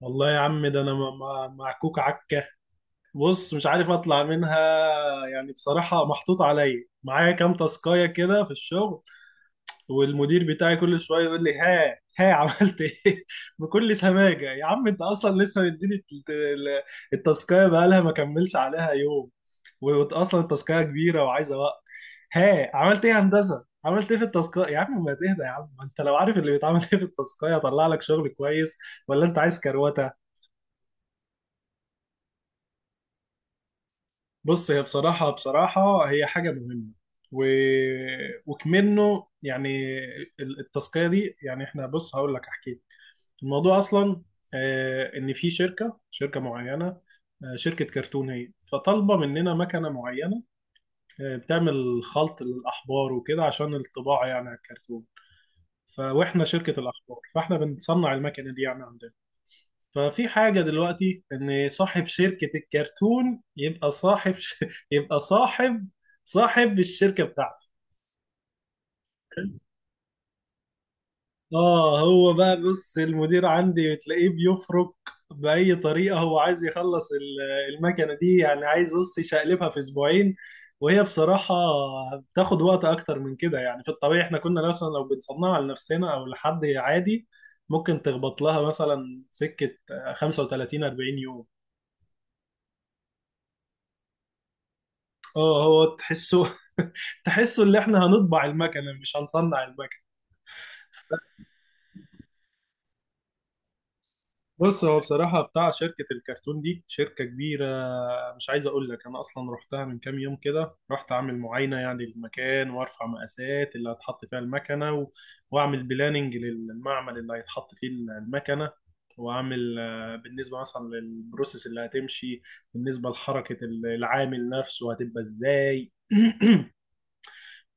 والله يا عم ده معكوك عكه. بص، مش عارف اطلع منها. يعني بصراحه محطوط عليا معايا كام تاسكايه كده في الشغل، والمدير بتاعي كل شويه يقول لي: ها ها، عملت ايه؟ بكل سماجه. يا عم انت اصلا لسه مديني التاسكايه، بقالها ما كملش عليها يوم، واصلا التاسكايه كبيره وعايزه وقت. ها عملت ايه يا هندسه، عملت ايه في التاسكايه؟ يا عم ما تهدى، يا عم ما انت لو عارف اللي بيتعمل ايه في التاسكايه هطلع لك شغل كويس، ولا انت عايز كروته؟ بص هي بصراحة، هي حاجة مهمة و... وكمنه يعني التسقية دي. يعني احنا بص، هقول لك احكي لك الموضوع اصلا. ان في شركة معينة، شركة كرتون، هي فطالبة مننا مكنة معينة، بتعمل خلط للأحبار وكده عشان الطباعة يعني على الكرتون. واحنا شركة الأحبار، فاحنا بنصنع المكنة دي يعني عندنا. ففي حاجة دلوقتي، إن صاحب شركة الكرتون يبقى صاحب يبقى صاحب الشركة بتاعته. آه هو بقى، بص المدير عندي تلاقيه بيفرك. بأي طريقة هو عايز يخلص المكنة دي، يعني عايز بص يشقلبها في أسبوعين. وهي بصراحة بتاخد وقت أكتر من كده، يعني في الطبيعي إحنا كنا مثلا لو بنصنعها لنفسنا أو لحد عادي ممكن تخبط لها مثلا سكة 35 40 يوم. اه هو تحسه تحسه اللي احنا هنطبع المكنة، مش هنصنع المكنة. بص هو بصراحة، بتاع شركة الكرتون دي شركة كبيرة، مش عايز اقول لك. انا اصلا رحتها من كام يوم كده، رحت اعمل معاينة يعني للمكان، وارفع مقاسات اللي هتحط فيها المكنة، واعمل بلاننج للمعمل اللي هيتحط فيه المكنة، واعمل بالنسبة مثلا للبروسيس اللي هتمشي، بالنسبة لحركة العامل نفسه هتبقى ازاي.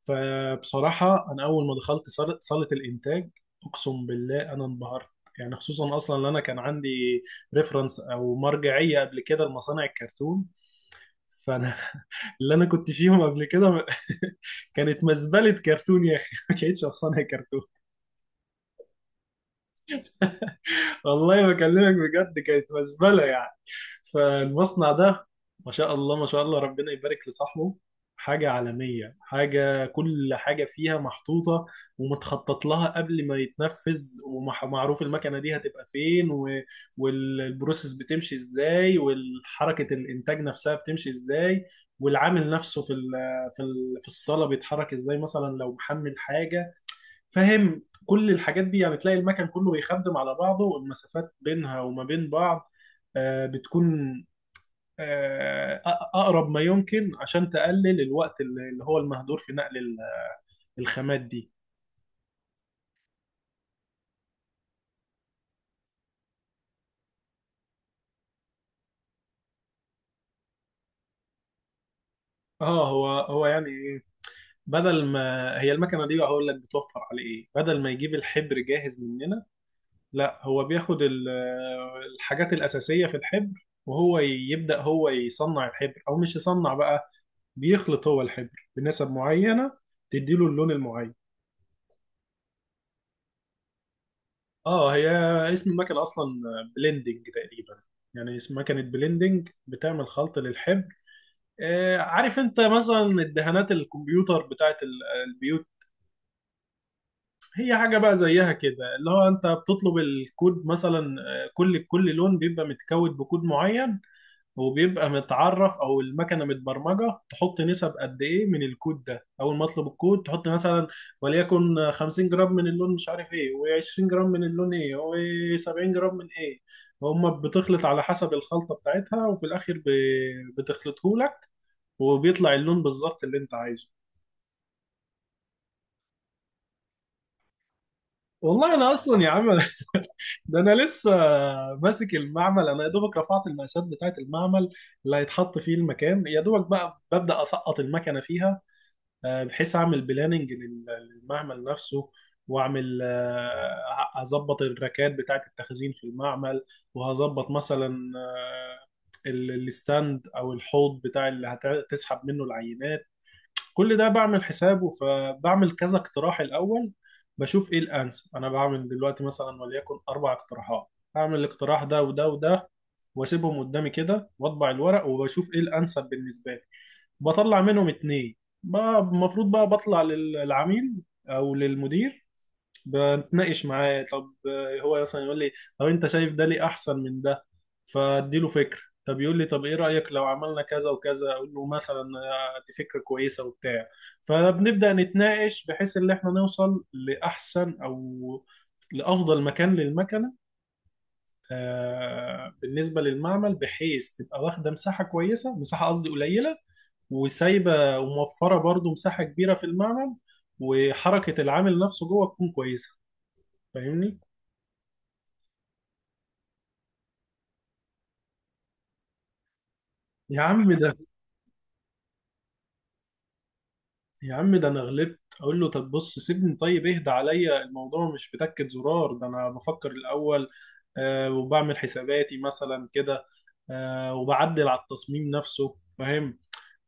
فبصراحة أنا أول ما دخلت صالة الإنتاج أقسم بالله أنا انبهرت. يعني خصوصا أصلا إن أنا كان عندي ريفرنس أو مرجعية قبل كده لمصانع الكرتون. فأنا اللي أنا كنت فيهم قبل كده كانت مزبلة كرتون يا أخي، ما كانتش مصانع كرتون. والله بكلمك بجد كانت مزبله يعني. فالمصنع ده ما شاء الله، ما شاء الله، ربنا يبارك لصاحبه. حاجه عالميه، حاجه كل حاجه فيها محطوطه ومتخطط لها قبل ما يتنفذ، ومعروف المكنه دي هتبقى فين والبروسيس بتمشي ازاي، والحركه الانتاج نفسها بتمشي ازاي، والعامل نفسه في الصاله بيتحرك ازاي، مثلا لو محمل حاجه. فاهم كل الحاجات دي؟ يعني تلاقي المكان كله بيخدم على بعضه، والمسافات بينها وما بين بعض بتكون آه، أ- أقرب ما يمكن، عشان تقلل الوقت اللي هو المهدور في نقل الخامات دي. اه هو هو يعني ايه، بدل ما هي المكنه دي، هقول لك بتوفر على ايه. بدل ما يجيب الحبر جاهز مننا، لا هو بياخد الحاجات الأساسية في الحبر، وهو يبدأ هو يصنع الحبر، او مش يصنع بقى، بيخلط هو الحبر بنسب معينة تديله اللون المعين. اه، هي اسم المكنة اصلا بلندنج تقريبا. يعني اسم مكنة بلندنج بتعمل خلط للحبر. آه عارف انت مثلا الدهانات الكمبيوتر بتاعت البيوت؟ هي حاجة بقى زيها كده، اللي هو انت بتطلب الكود مثلا. كل لون بيبقى متكود بكود معين، وبيبقى متعرف او المكنه متبرمجه تحط نسب قد ايه من الكود ده. اول ما اطلب الكود تحط مثلا، وليكن 50 جرام من اللون مش عارف ايه، و20 جرام من اللون ايه، و70 جرام من ايه. هما بتخلط على حسب الخلطه بتاعتها، وفي الاخر بتخلطه لك، وبيطلع اللون بالظبط اللي انت عايزه. والله انا اصلا يا عم ده انا لسه ماسك المعمل. انا يا دوبك رفعت المقاسات بتاعت المعمل اللي هيتحط فيه المكان، يا دوبك بقى ببدأ اسقط المكنه فيها، بحيث اعمل بلاننج للمعمل نفسه. واعمل اظبط الركات بتاعه التخزين في المعمل، وهظبط مثلا، الستاند او الحوض بتاع اللي هتسحب منه العينات. كل ده بعمل حسابه، فبعمل كذا اقتراح الاول، بشوف ايه الانسب. انا بعمل دلوقتي مثلا وليكن اربع اقتراحات، اعمل الاقتراح ده وده وده، واسيبهم قدامي كده واطبع الورق، وبشوف ايه الانسب بالنسبه لي. بطلع منهم اتنين، بقى المفروض بقى بطلع للعميل او للمدير. بنتناقش معاه، طب هو مثلا يقول لي: طب انت شايف ده ليه احسن من ده؟ فاديله فكره. طب يقول لي: طب ايه رايك لو عملنا كذا وكذا؟ اقول له مثلا دي فكره كويسه وبتاع. فبنبدا نتناقش بحيث ان احنا نوصل لاحسن او لافضل مكان للمكنه. بالنسبه للمعمل، بحيث تبقى واخده مساحه كويسه، مساحه قصدي قليله، وسايبه وموفره برضو مساحه كبيره في المعمل. وحركه العامل نفسه جوه تكون كويسه. فاهمني؟ يا عم ده يا عم ده انا غلبت اقول له: طب بص سيبني، طيب اهدى عليا، الموضوع مش بتكة زرار، ده انا بفكر الاول، وبعمل حساباتي مثلا كده، وبعدل على التصميم نفسه، فاهم.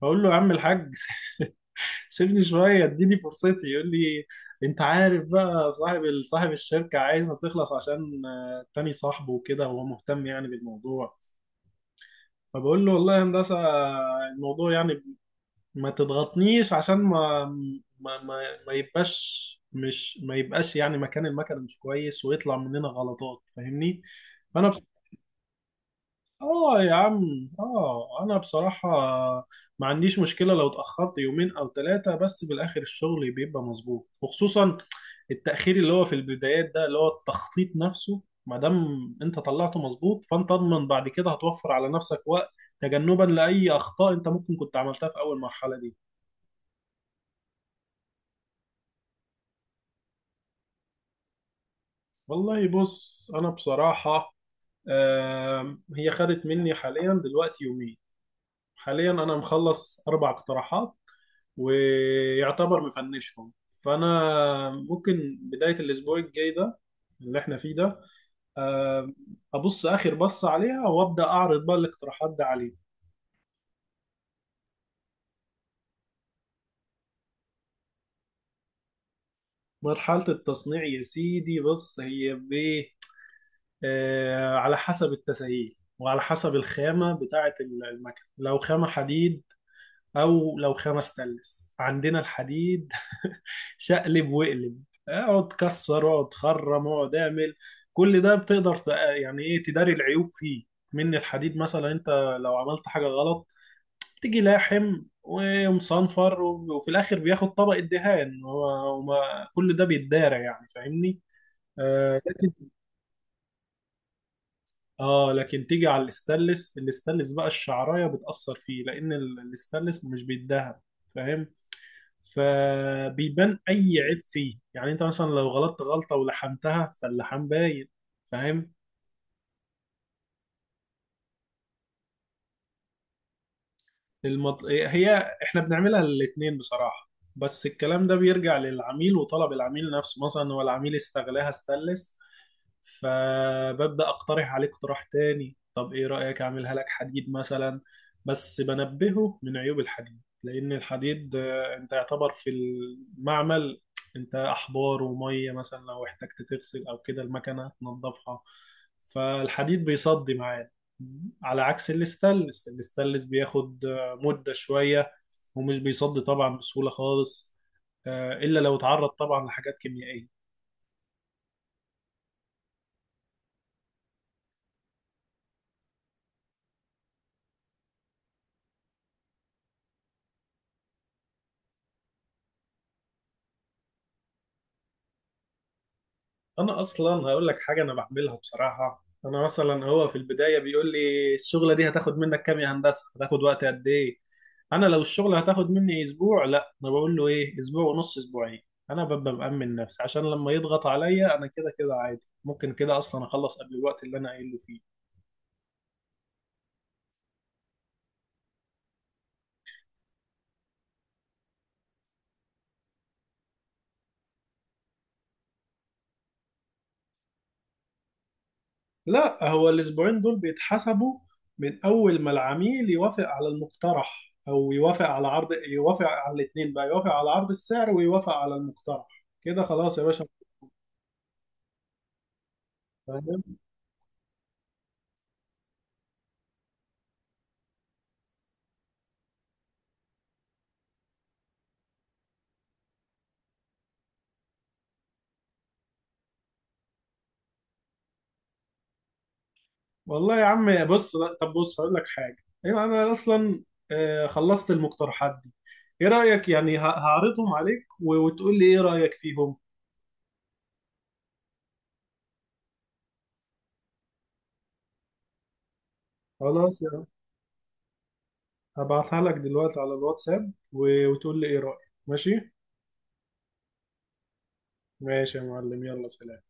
فاقول له: يا عم الحاج سيبني شويه، اديني فرصتي. يقول لي: انت عارف بقى صاحب الشركه عايزها تخلص عشان تاني صاحبه، وكده هو مهتم يعني بالموضوع. فبقول له: والله يا هندسه الموضوع يعني ما تضغطنيش عشان ما ما ما, ما يبقاش مش ما يبقاش يعني مكان المكنه مش كويس ويطلع مننا غلطات. فاهمني؟ فانا، اه يا عم، اه انا بصراحة ما عنديش مشكلة لو اتأخرت يومين او ثلاثة، بس بالاخر الشغل بيبقى مظبوط. وخصوصا التأخير اللي هو في البدايات ده، اللي هو التخطيط نفسه، ما دام انت طلعته مظبوط فانت اضمن بعد كده هتوفر على نفسك وقت، تجنبا لأي اخطاء انت ممكن كنت عملتها في اول مرحلة دي. والله بص انا بصراحة هي خدت مني حاليا دلوقتي يومين. حاليا انا مخلص اربع اقتراحات، ويعتبر مفنشهم. فانا ممكن بدايه الاسبوع الجاي ده اللي احنا فيه ده آه، ابص اخر بص عليها، وابدا اعرض بقى الاقتراحات ده عليه. مرحله التصنيع يا سيدي، بص هي بايه على حسب التسهيل وعلى حسب الخامه بتاعه المكن. لو خامه حديد، او لو خمس تلس. عندنا الحديد شقلب واقلب، اقعد كسر، اقعد خرم، اقعد اعمل، كل ده بتقدر يعني ايه تداري العيوب فيه. من الحديد مثلا انت لو عملت حاجة غلط، تيجي لاحم ومصنفر، وفي الاخر بياخد طبقة دهان هو كل ده بيتدارى يعني، فاهمني. آه لكن، اه لكن تيجي على الاستانلس، الاستانلس بقى الشعراية بتأثر فيه، لان الاستانلس مش بيتدهن، فاهم. فبيبان اي عيب فيه، يعني انت مثلا لو غلطت غلطه ولحمتها فاللحام باين، فاهم. هي احنا بنعملها الاتنين بصراحه، بس الكلام ده بيرجع للعميل وطلب العميل نفسه. مثلا هو العميل استغلاها استلس، فببدأ أقترح عليه اقتراح تاني: طب إيه رأيك أعملها لك حديد مثلا؟ بس بنبهه من عيوب الحديد، لأن الحديد أنت يعتبر في المعمل أنت أحبار ومية، مثلا لو احتجت تغسل أو كده المكنة تنظفها، فالحديد بيصدي معاه. على عكس الاستانلس، الاستانلس بياخد مدة شوية، ومش بيصدي طبعا بسهولة خالص، إلا لو اتعرض طبعا لحاجات كيميائية. انا اصلا هقول لك حاجه انا بعملها بصراحه. انا مثلا هو في البدايه بيقول لي: الشغله دي هتاخد منك كام يا هندسه، هتاخد وقت قد ايه؟ انا لو الشغله هتاخد مني اسبوع، لا انا بقول له ايه اسبوع ونص، اسبوعين. انا ببقى مأمن نفسي عشان لما يضغط عليا انا كده كده عادي، ممكن كده اصلا اخلص قبل الوقت اللي انا قايله فيه. لا هو الاسبوعين دول بيتحسبوا من اول ما العميل يوافق على المقترح، او يوافق على عرض، يوافق على الاثنين بقى، يوافق على عرض السعر ويوافق على المقترح. كده خلاص يا باشا. فاهم. والله يا عم بص، لا، طب بص هقول لك حاجه. ايوه انا اصلا خلصت المقترحات دي. ايه رايك يعني هعرضهم عليك وتقول لي ايه رايك فيهم. خلاص يا. هبعتها لك دلوقتي على الواتساب وتقول لي ايه رايك. ماشي. ماشي يا معلم، يلا سلام.